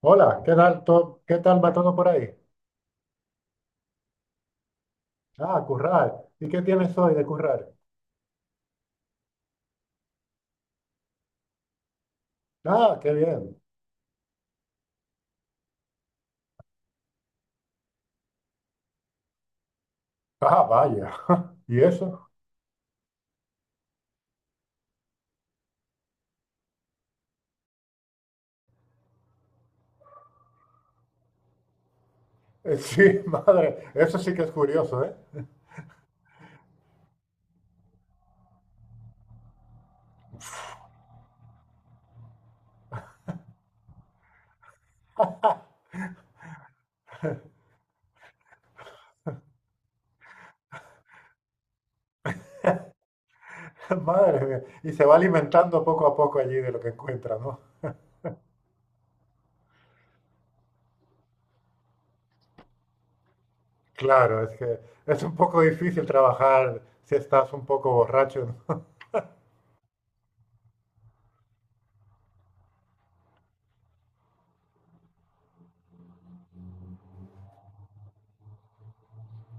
Hola, ¿qué tal, qué tal va todo por ahí? Ah, currar. ¿Y qué tienes hoy de currar? Ah, qué bien. Ah, vaya. ¿Y eso? Sí, madre, eso sí que es curioso, ¿eh? Madre mía. Y se va alimentando poco a poco allí de lo que encuentra, ¿no? Claro, es que es un poco difícil trabajar si estás un poco borracho, ¿no?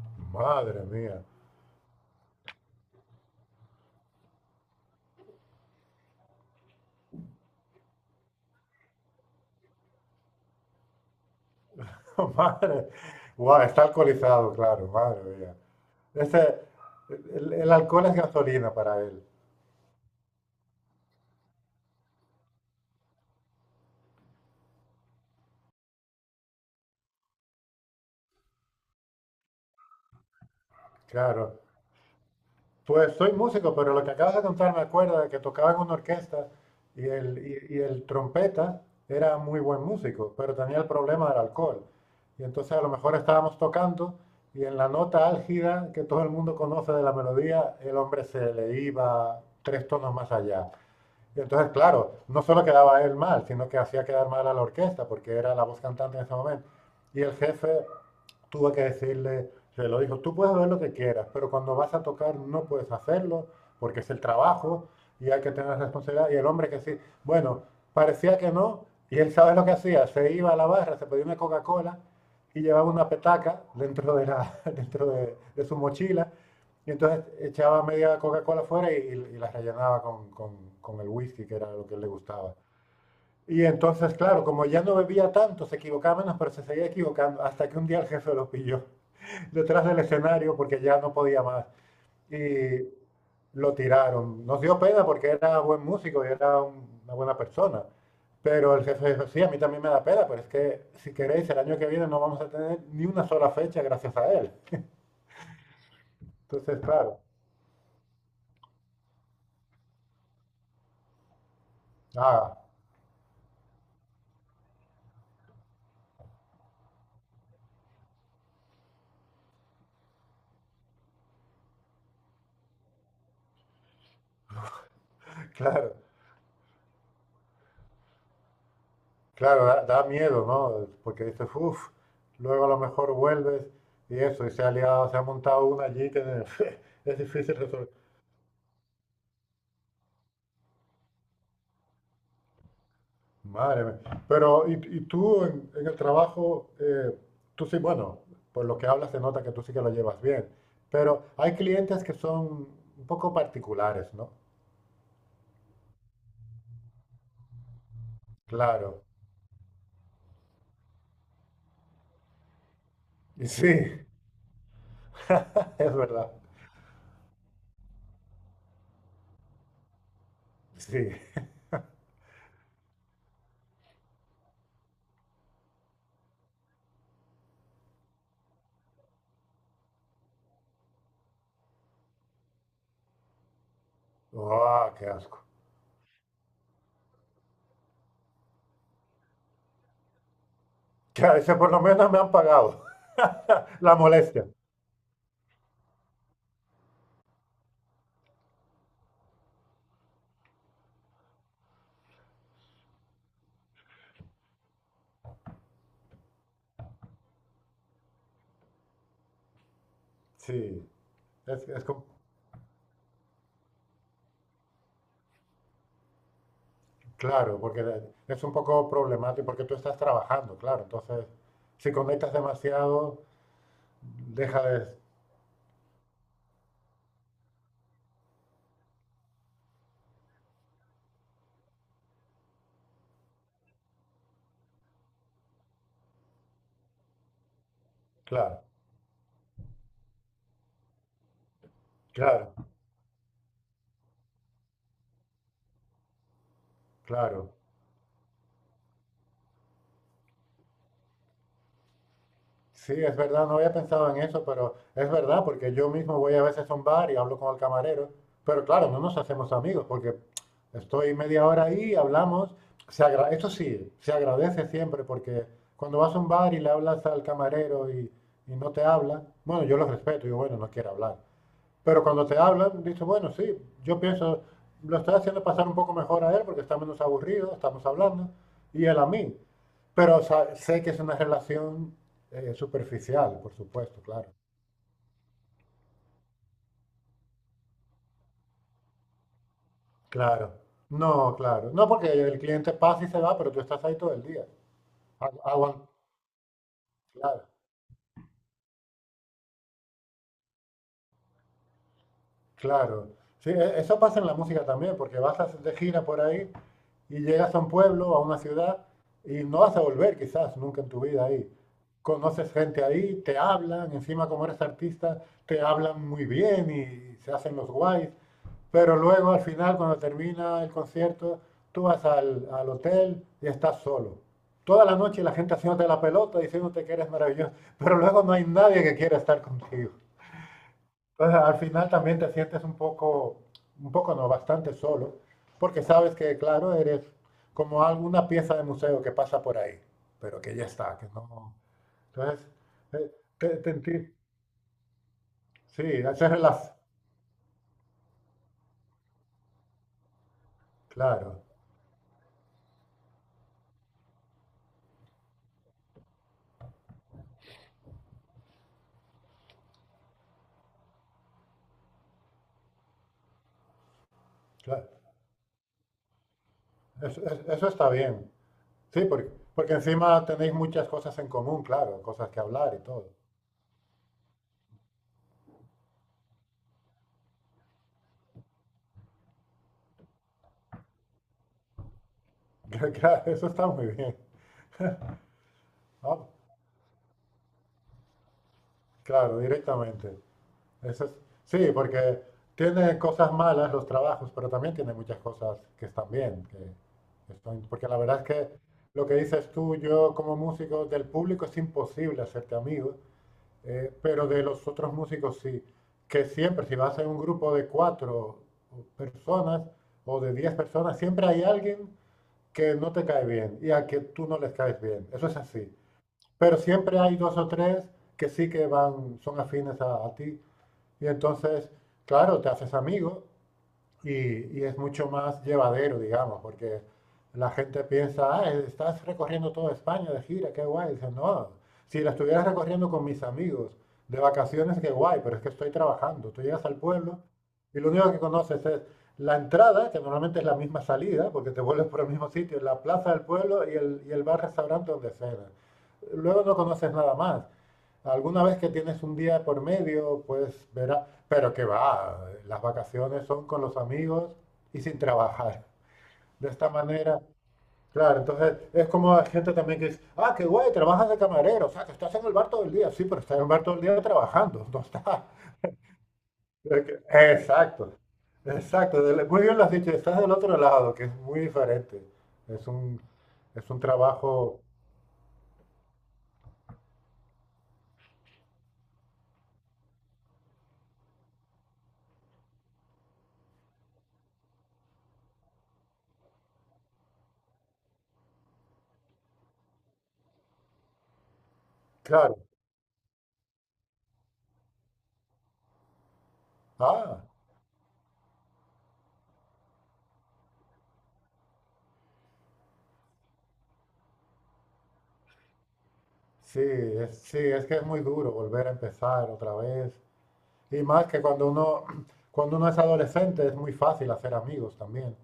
Madre mía. Madre. Guau, está alcoholizado, claro, madre mía. Ese, el alcohol es gasolina para él. Claro. Pues soy músico, pero lo que acabas de contar me acuerda de que tocaba en una orquesta y el, y el trompeta era muy buen músico, pero tenía el problema del alcohol. Y entonces a lo mejor estábamos tocando y en la nota álgida que todo el mundo conoce de la melodía, el hombre se le iba tres tonos más allá. Y entonces, claro, no solo quedaba él mal, sino que hacía quedar mal a la orquesta, porque era la voz cantante en ese momento. Y el jefe tuvo que decirle, se lo dijo, tú puedes ver lo que quieras, pero cuando vas a tocar no puedes hacerlo, porque es el trabajo y hay que tener responsabilidad. Y el hombre que sí, bueno, parecía que no, y él sabe lo que hacía, se iba a la barra, se pedía una Coca-Cola y llevaba una petaca dentro de, la, dentro de su mochila y entonces echaba media Coca-Cola fuera y la rellenaba con, con el whisky, que era lo que le gustaba. Y entonces, claro, como ya no bebía tanto, se equivocaba menos, pero se seguía equivocando, hasta que un día el jefe lo pilló detrás del escenario porque ya no podía más. Y lo tiraron. Nos dio pena porque era buen músico y era una buena persona. Pero el jefe dijo, sí, a mí también me da pena, pero es que si queréis, el año que viene no vamos a tener ni una sola fecha gracias a él. Entonces, claro, ah, claro. Claro, da, da miedo, ¿no? Porque dices, uff, luego a lo mejor vuelves y eso, y se ha liado, se ha montado una allí que es difícil resolver. Madre mía. Pero, y tú en el trabajo, tú sí, bueno, por lo que hablas se nota que tú sí que lo llevas bien, pero hay clientes que son un poco particulares, ¿no? Claro. Y sí, es verdad. Sí. ¡Oh, qué asco! Que a ese por lo menos me han pagado la molestia. Sí. Es, claro, porque es un poco problemático, porque tú estás trabajando, claro. Entonces, si conectas demasiado, deja de... Claro, claro, claro. Sí, es verdad, no había pensado en eso, pero es verdad, porque yo mismo voy a veces a un bar y hablo con el camarero, pero claro, no nos hacemos amigos, porque estoy media hora ahí, hablamos. Esto sí, se agradece siempre, porque cuando vas a un bar y le hablas al camarero y no te habla, bueno, yo lo respeto, digo, bueno, no quiere hablar. Pero cuando te hablan, dices, bueno, sí, yo pienso, lo estoy haciendo pasar un poco mejor a él porque está menos aburrido, estamos hablando, y él a mí. Pero o sea, sé que es una relación superficial, por supuesto, claro. Claro. No, claro. No porque el cliente pasa y se va, pero tú estás ahí todo el día. Aguanta, claro. Claro. Sí, eso pasa en la música también, porque de gira por ahí y llegas a un pueblo, a una ciudad, y no vas a volver quizás nunca en tu vida ahí. Conoces gente ahí, te hablan, encima como eres artista, te hablan muy bien y se hacen los guays, pero luego al final, cuando termina el concierto, tú vas al, al hotel y estás solo. Toda la noche la gente haciéndote la pelota, diciéndote que eres maravilloso, pero luego no hay nadie que quiera estar contigo. Entonces, al final también te sientes un poco no, bastante solo, porque sabes que, claro, eres como alguna pieza de museo que pasa por ahí, pero que ya está, que no. Entonces, eh, te, te enti- sí, ese relax, claro, claro, eso, eso está bien. Sí, porque, porque encima tenéis muchas cosas en común, claro, cosas que hablar y todo. Claro, eso está muy bien. Ah, claro, directamente. Eso es- sí, porque tiene cosas malas los trabajos, pero también tiene muchas cosas que están bien, que, porque la verdad es que lo que dices tú, yo como músico del público es imposible hacerte amigo, pero de los otros músicos sí, que siempre si vas en un grupo de cuatro personas o de diez personas, siempre hay alguien que no te cae bien y a que tú no les caes bien, eso es así, pero siempre hay dos o tres que sí que van, son afines a ti. Y entonces, claro, te haces amigo y, y es mucho más llevadero, digamos, porque la gente piensa, ah, estás recorriendo toda España de gira, qué guay. Dice, no, si la estuvieras recorriendo con mis amigos de vacaciones, qué guay, pero es que estoy trabajando. Tú llegas al pueblo y lo único que conoces es la entrada, que normalmente es la misma salida, porque te vuelves por el mismo sitio, la plaza del pueblo y el bar-restaurante donde cenas. Luego no conoces nada más. Alguna vez que tienes un día por medio, pues verás, pero que va, las vacaciones son con los amigos y sin trabajar. De esta manera, claro, entonces es como hay gente también que dice, ah, qué guay, trabajas de camarero, o sea, que estás en el bar todo el día, sí, pero estás en el bar todo el día trabajando, no está. es que- Exacto, exacto, muy bien lo has dicho, estás del otro lado, que es muy diferente. Es un, es un trabajo, claro, ah. Sí, es que es muy duro volver a empezar otra vez. Y más que cuando uno, cuando uno es adolescente es muy fácil hacer amigos también,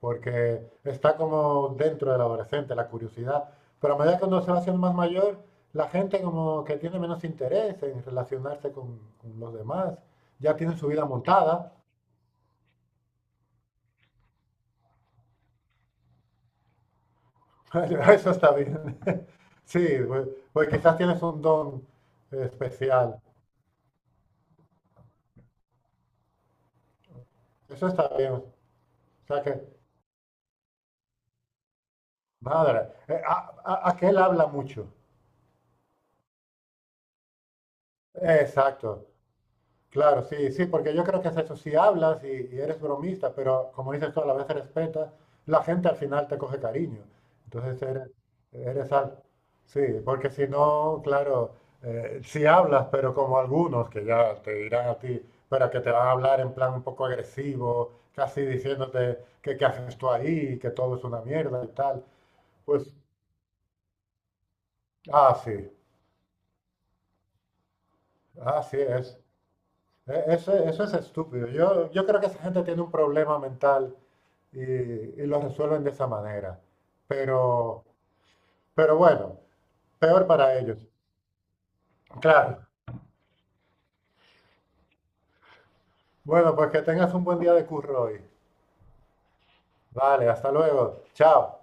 porque está como dentro del adolescente la curiosidad. Pero a medida que uno se va haciendo más mayor, la gente como que tiene menos interés en relacionarse con los demás, ya tienen su vida montada. Eso está bien. Sí, pues, pues quizás tienes un don especial. Eso está bien. O sea que madre, aquel habla mucho. Exacto, claro, sí, sí, porque yo creo que es eso, si hablas y eres bromista, pero como dices tú, a la vez respetas, la gente al final te coge cariño. Entonces eres, eres al... Sí, porque si no, claro, si hablas, pero como algunos que ya te dirán a ti, pero que te van a hablar en plan un poco agresivo, casi diciéndote que qué haces tú ahí, que todo es una mierda y tal, pues, ah, sí, así es. Eso, eso es estúpido. Yo creo que esa gente tiene un problema mental y lo resuelven de esa manera. Pero, pero bueno, peor para ellos. Claro. Bueno, pues que tengas un buen día de curro hoy. Vale, hasta luego. Chao.